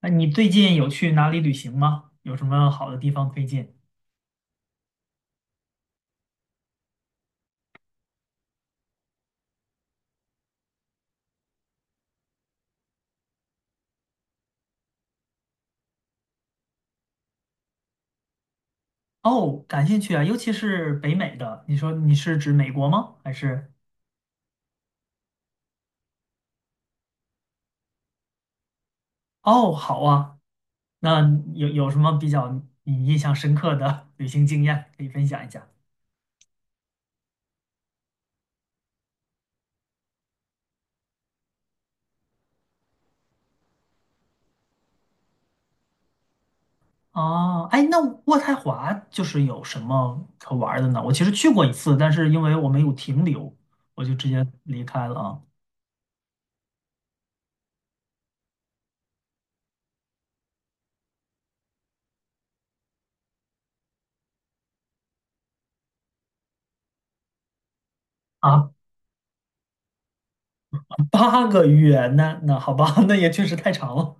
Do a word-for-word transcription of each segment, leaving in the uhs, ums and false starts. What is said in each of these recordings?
那你最近有去哪里旅行吗？有什么好的地方推荐？哦，感兴趣啊，尤其是北美的。你说你是指美国吗？还是？哦，好啊。那有有什么比较你印象深刻的 旅行经验可以分享一下？哦，哎，那渥太华就是有什么可玩儿的呢？我其实去过一次，但是因为我没有停留，我就直接离开了啊。啊，八个月，那那好吧，那也确实太长了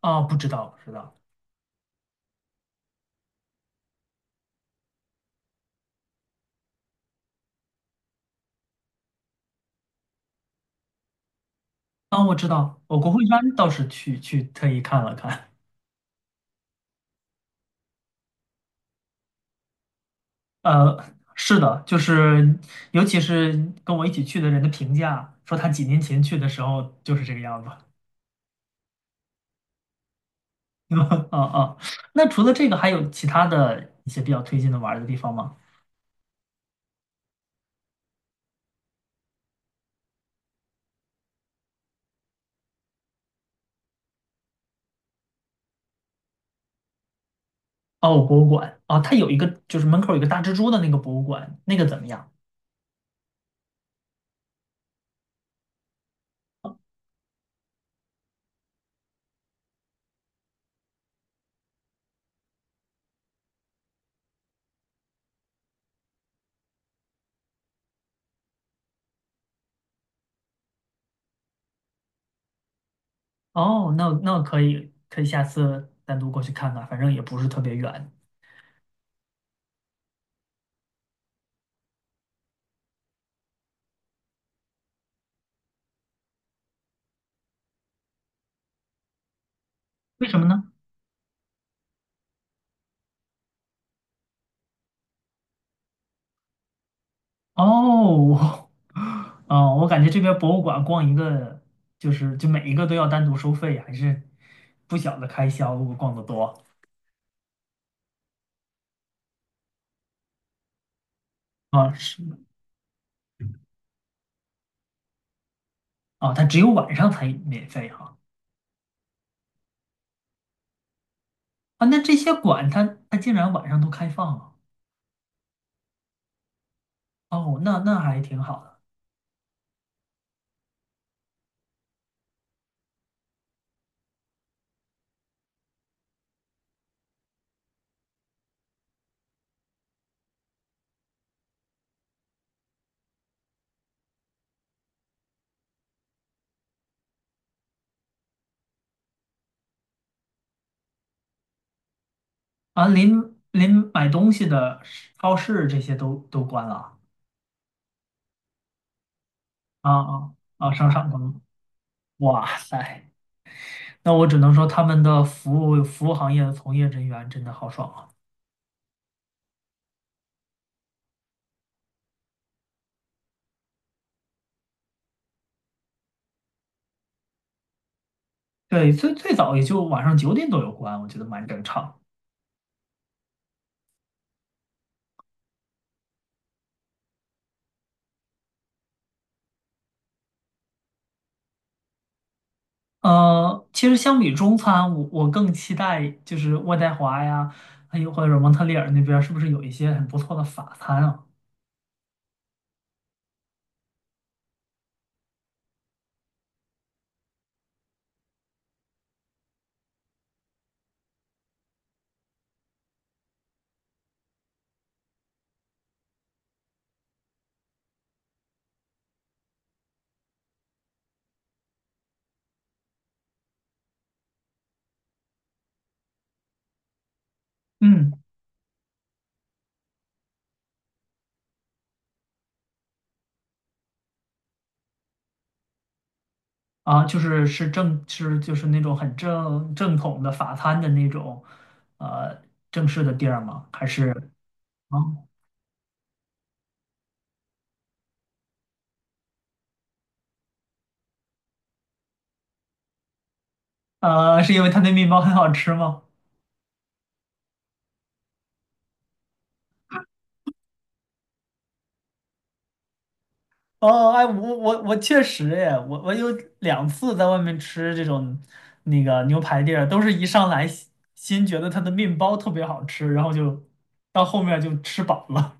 啊，不知道不知道。啊，我知道，我国会山倒是去去特意看了看，呃，是的，就是尤其是跟我一起去的人的评价，说他几年前去的时候就是这个样子。啊啊，那除了这个，还有其他的一些比较推荐的玩儿的地方吗？哦，博物馆，哦，它有一个就是门口有一个大蜘蛛的那个博物馆，那个怎么样？哦，那那可以可以下次单独过去看看，反正也不是特别远。为什么呢？哦，哦，我感觉这边博物馆逛一个，就是就每一个都要单独收费，还是不小的开销。如果逛得多啊，是啊，它只有晚上才免费哈啊。那这些馆它它竟然晚上都开放了哦，那那还挺好的啊。临临买东西的超市这些都都关了啊啊啊，商场关了。哇塞，那我只能说他们的服务服务行业的从业人员真的好爽啊。对，最最早也就晚上九点多有关，我觉得蛮正常。呃，其实相比中餐，我我更期待就是渥太华呀，还有或者蒙特利尔那边儿是不是有一些很不错的法餐啊？嗯。啊，就是是正是就是那种很正正统的法餐的那种，呃，正式的地儿吗？还是啊，呃，是因为它那面包很好吃吗？哦，哎，我我我确实哎，我我有两次在外面吃这种那个牛排店儿都是一上来先先觉得它的面包特别好吃，然后就到后面就吃饱了。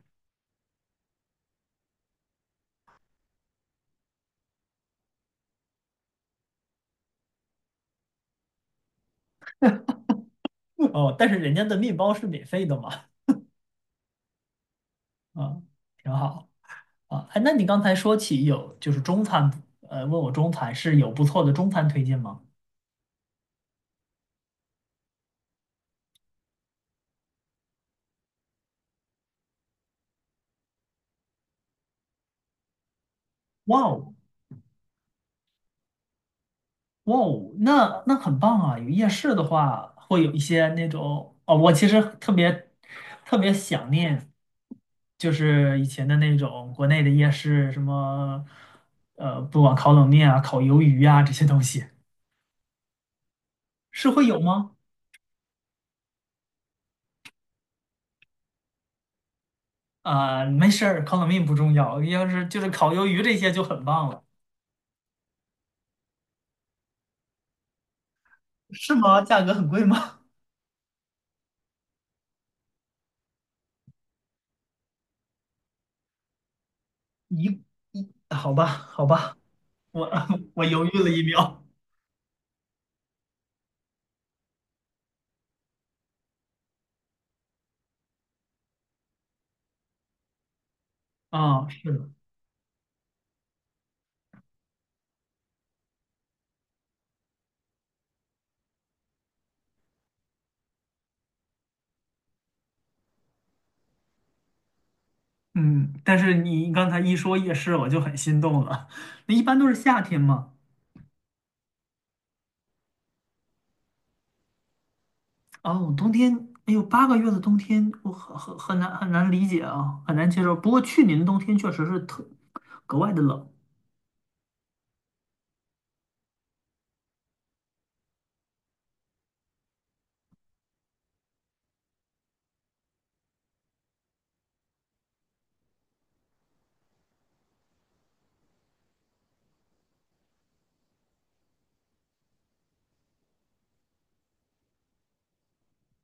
哦，但是人家的面包是免费的嘛，啊，挺好啊。哎，那你刚才说起有就是中餐，呃，问我中餐是有不错的中餐推荐吗？哇哦，哇哦，那那很棒啊！有夜市的话，会有一些那种哦，我其实特别特别想念。就是以前的那种国内的夜市，什么呃，不管烤冷面啊、烤鱿鱼啊这些东西，是会有吗？啊、没事儿，烤冷面不重要，要是就是烤鱿鱼这些就很棒了。是吗？价格很贵吗？一一，好吧，好吧，我 我犹豫了一秒。啊、是的，嗯，但是你刚才一说夜市，我就很心动了。那一般都是夏天嘛。哦，冬天，哎呦，八个月的冬天，我很很很难很难理解啊，很难接受。不过去年的冬天确实是特格外的冷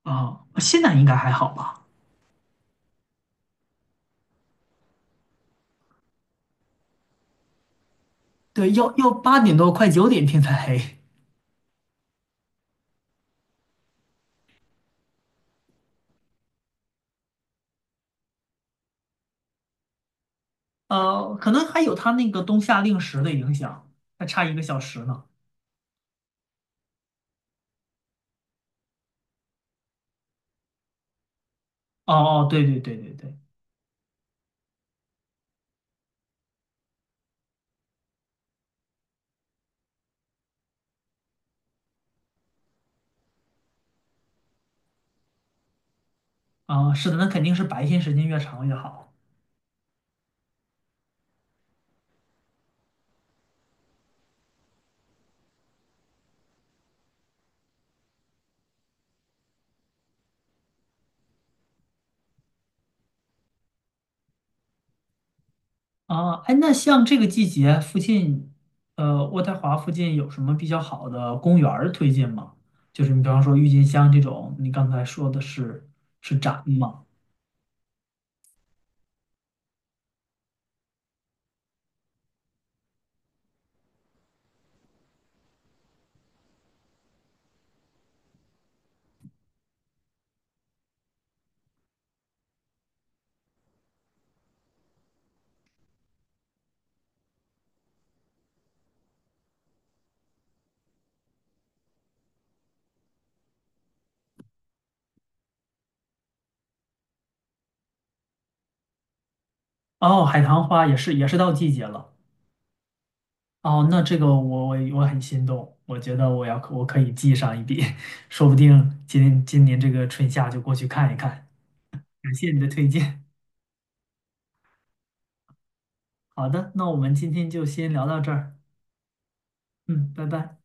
啊，现在应该还好吧？对，要要八点多快九点天才黑。呃，可能还有它那个冬夏令时的影响，还差一个小时呢。哦哦，对对对对对，啊，是的，那肯定是白天时间越长越好。啊，哎，那像这个季节附近，呃，渥太华附近有什么比较好的公园儿推荐吗？就是你比方说郁金香这种，你刚才说的是是展吗？哦，海棠花也是也是到季节了。哦，那这个我我我很心动，我觉得我要我可以记上一笔，说不定今今年这个春夏就过去看一看。感谢你的推荐。好的，那我们今天就先聊到这儿。嗯，拜拜。